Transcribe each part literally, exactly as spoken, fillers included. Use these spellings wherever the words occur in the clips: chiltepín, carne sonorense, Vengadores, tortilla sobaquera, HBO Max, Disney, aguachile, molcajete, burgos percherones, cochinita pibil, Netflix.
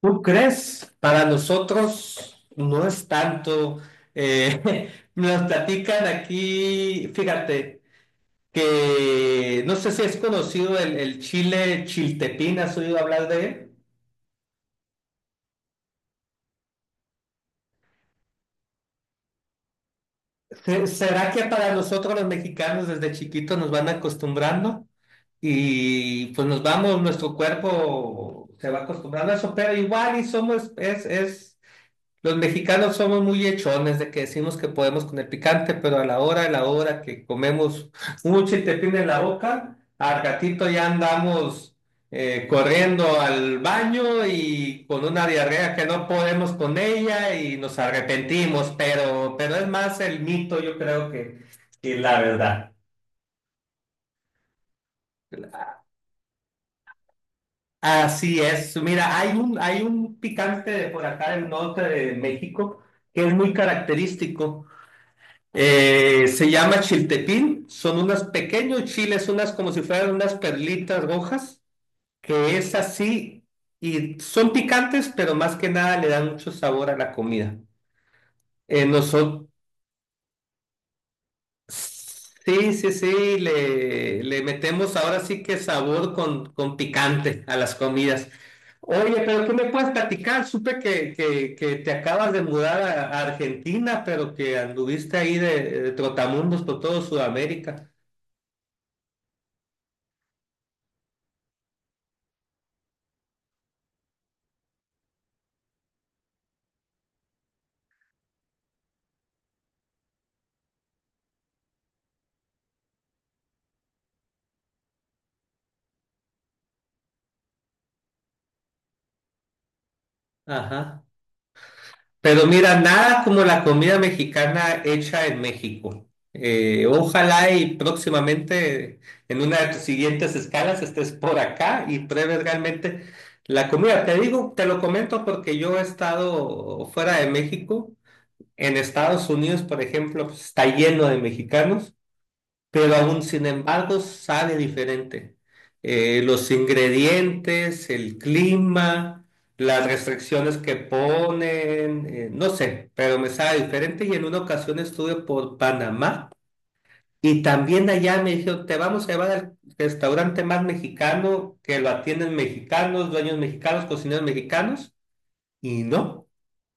¿Tú crees? Para nosotros no es tanto. Eh, nos platican aquí, fíjate, que no sé si es conocido el, el chile chiltepín, ¿has oído hablar de él? ¿Se- ¿Será que para nosotros los mexicanos desde chiquitos nos van acostumbrando y pues nos vamos, nuestro cuerpo se va acostumbrando a eso, pero igual y somos, es, es los mexicanos somos muy hechones de que decimos que podemos con el picante, pero a la hora, a la hora que comemos mucho y te en la boca, al gatito ya andamos eh, corriendo al baño y con una diarrea que no podemos con ella y nos arrepentimos, pero, pero es más el mito, yo creo que, que la verdad. Así es. Mira, hay un, hay un picante de por acá del norte de México que es muy característico. Eh, se llama chiltepín, son unos pequeños chiles, unas como si fueran unas perlitas rojas, que es así y son picantes, pero más que nada le dan mucho sabor a la comida. Eh, nosotros, sí, sí, sí, le, le metemos ahora sí que sabor con, con picante a las comidas. Oye, pero ¿qué me puedes platicar? Supe que, que, que te acabas de mudar a, a Argentina, pero que anduviste ahí de, de trotamundos por todo Sudamérica. Ajá. Pero mira, nada como la comida mexicana hecha en México. Eh, ojalá y próximamente en una de tus siguientes escalas estés por acá y pruebes realmente la comida. Te digo, te lo comento porque yo he estado fuera de México. En Estados Unidos, por ejemplo, pues, está lleno de mexicanos, pero aún sin embargo sabe diferente. Eh, los ingredientes, el clima, las restricciones que ponen, eh, no sé, pero me sabe diferente y en una ocasión estuve por Panamá y también allá me dijeron, te vamos a llevar al restaurante más mexicano, que lo atienden mexicanos, dueños mexicanos, cocineros mexicanos, y no,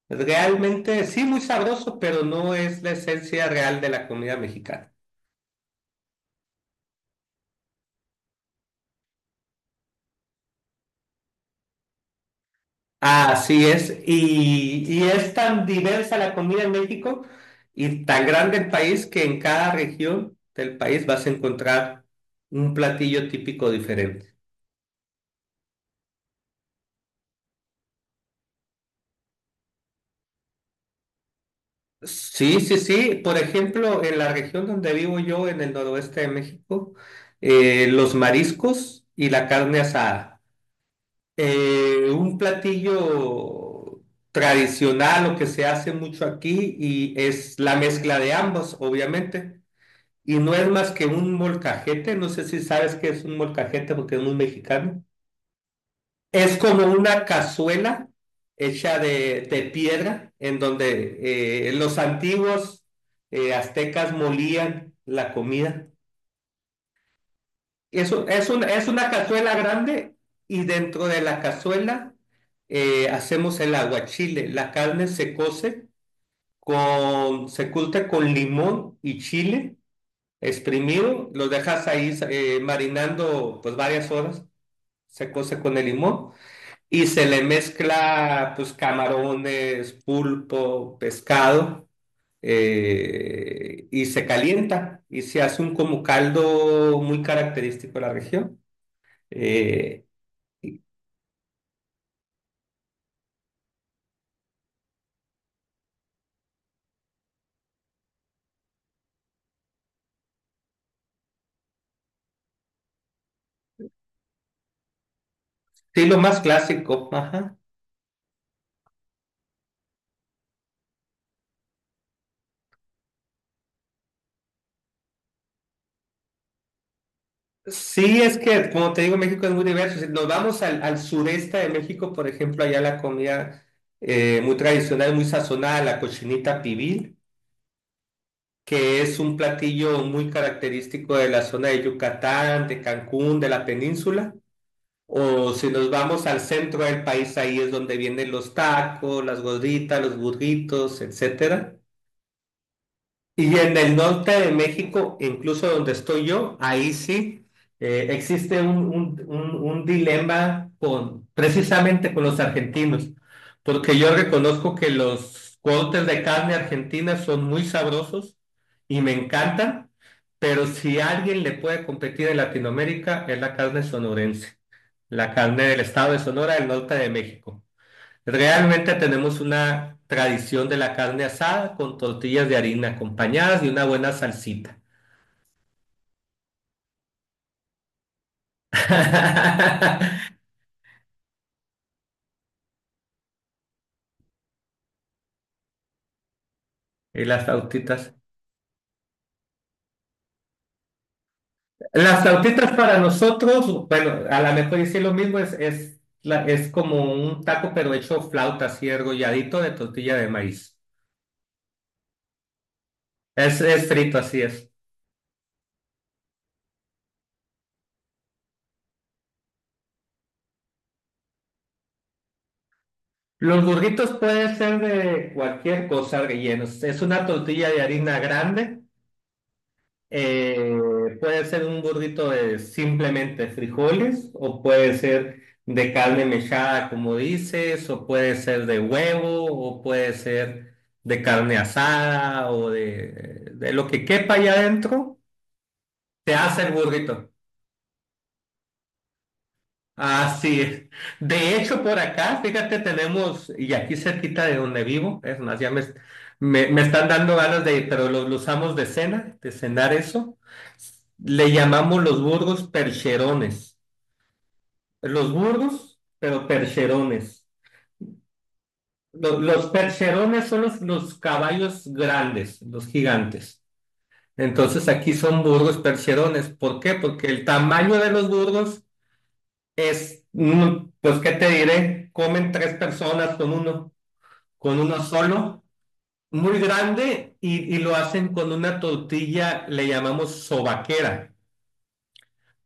realmente sí muy sabroso, pero no es la esencia real de la comida mexicana. Así es, y, y es tan diversa la comida en México y tan grande el país que en cada región del país vas a encontrar un platillo típico diferente. Sí, sí, sí. Por ejemplo, en la región donde vivo yo, en el noroeste de México, eh, los mariscos y la carne asada. Eh, un platillo tradicional, lo que se hace mucho aquí, y es la mezcla de ambos, obviamente. Y no es más que un molcajete, no sé si sabes qué es un molcajete porque es muy mexicano. Es como una cazuela hecha de, de piedra en donde eh, los antiguos eh, aztecas molían la comida. Eso es, un- es una cazuela grande y dentro de la cazuela eh, hacemos el aguachile. La carne se cose con, se curte con limón y chile exprimido, los dejas ahí eh, marinando pues varias horas, se cose con el limón y se le mezcla pues camarones, pulpo, pescado eh, y se calienta y se hace un como caldo muy característico de la región. Eh, sí, lo más clásico, ajá. Sí, es que, como te digo, México es muy diverso. Si nos vamos al, al sureste de México, por ejemplo, allá la comida eh, muy tradicional, muy sazonada, la cochinita pibil, que es un platillo muy característico de la zona de Yucatán, de Cancún, de la península. O si nos vamos al centro del país, ahí es donde vienen los tacos, las gorditas, los burritos, etcétera. Y en el norte de México, incluso donde estoy yo, ahí sí eh, existe un, un- un- un dilema con, precisamente con los argentinos, porque yo reconozco que los cortes de carne argentina son muy sabrosos y me encantan, pero si alguien le puede competir en Latinoamérica es la carne sonorense, la carne del estado de Sonora, del norte de México. Realmente tenemos una tradición de la carne asada con tortillas de harina acompañadas de una buena salsita. Y las flautitas. Las flautitas para nosotros, bueno, a lo mejor decir lo mismo, es, es, la- es como un taco pero hecho flauta, así argolladito de tortilla de maíz. Es, es frito, así es. Los burritos pueden ser de cualquier cosa rellenos. Es una tortilla de harina grande. Eh, puede ser un burrito de simplemente frijoles o puede ser de carne mechada, como dices, o puede ser de huevo o puede ser de carne asada o de, de lo que quepa allá adentro, se hace el burrito. Así es. De hecho, por acá, fíjate, tenemos, y aquí cerquita de donde vivo, es más, ya me, me, me están dando ganas de, pero lo, lo usamos de cena, de cenar eso. Le llamamos los burgos percherones. Los burgos, pero percherones. Lo- Los percherones son los, los caballos grandes, los gigantes. Entonces aquí son burgos percherones. ¿Por qué? Porque el tamaño de los burgos es, mm, pues, ¿qué te diré? Comen tres personas con uno, con uno solo, muy grande y, y lo hacen con una tortilla, le llamamos sobaquera.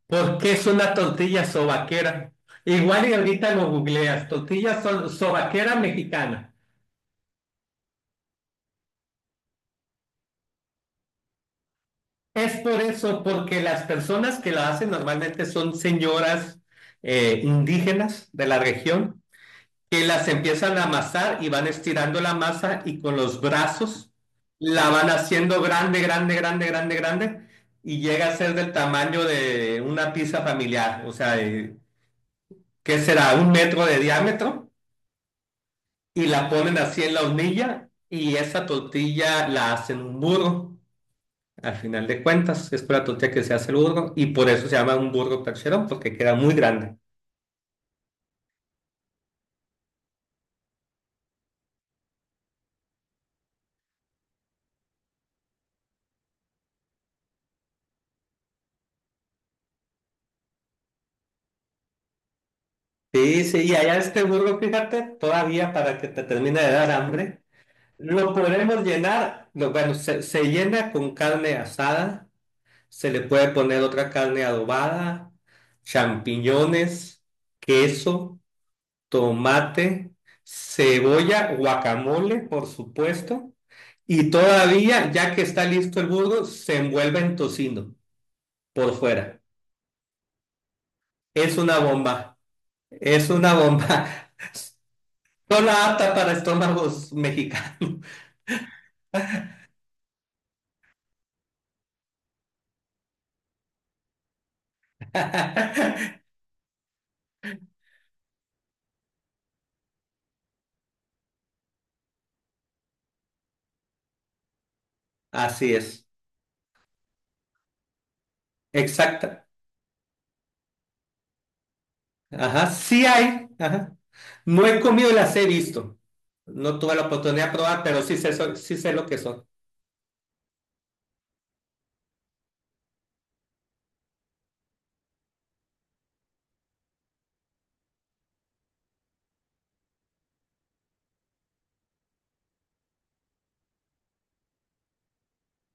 ¿Por qué es una tortilla sobaquera? Igual y ahorita lo googleas, tortilla so- sobaquera mexicana. Es por eso, porque las personas que la hacen normalmente son señoras eh, indígenas de la región, que las empiezan a amasar y van estirando la masa y con los brazos la van haciendo grande, grande, grande, grande, grande y llega a ser del tamaño de una pizza familiar, o sea, de- ¿qué será? Un metro de diámetro y la ponen así en la hornilla y esa tortilla la hacen un burro. Al final de cuentas, es para la tortilla que se hace el burro y por eso se llama un burro percherón, porque queda muy grande. Sí, sí, y allá este burro, fíjate, todavía para que te termine de dar hambre, lo podemos llenar, lo- bueno, se, se llena con carne asada, se le puede poner otra carne adobada, champiñones, queso, tomate, cebolla, guacamole, por supuesto, y todavía, ya que está listo el burro, se envuelve en tocino por fuera. Es una bomba, es una bomba, solo apta para estómagos mexicanos. Así es, exacta. Ajá, sí hay. Ajá. No he comido, las he visto. No tuve la oportunidad de probar, pero sí sé, so- sí sé lo que son.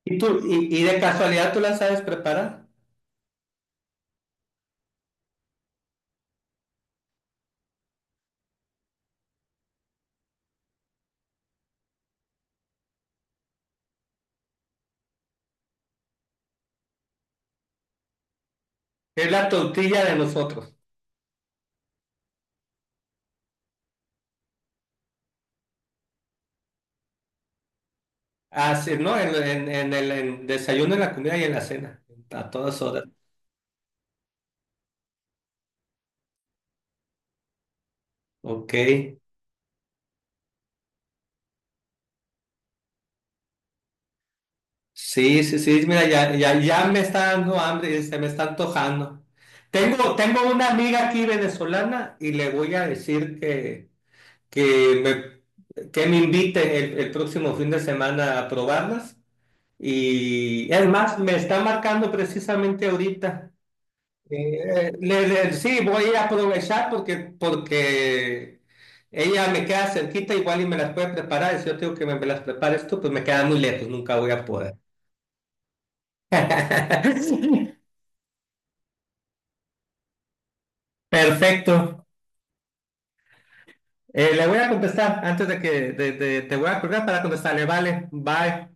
¿Y tú, y, y de casualidad tú las sabes preparar? Es la tortilla de nosotros. Así, ¿no? En, en, en el en desayuno, en la comida y en la cena. A todas horas. Ok. Sí, sí, sí. Mira, ya, ya, ya me está dando hambre, se me está antojando. Tengo, tengo una amiga aquí venezolana y le voy a decir que que me, que me inviten el, el próximo fin de semana a probarlas. Y es más, me está marcando precisamente ahorita. Eh, eh, le- le- sí, voy a aprovechar porque, porque ella me queda cerquita igual y me las puede preparar. Y si yo tengo que me, me las prepares tú, pues me queda muy lejos, nunca voy a poder. Perfecto. Eh, le voy a contestar antes de que de- de- te voy a colgar para contestarle. Vale, bye.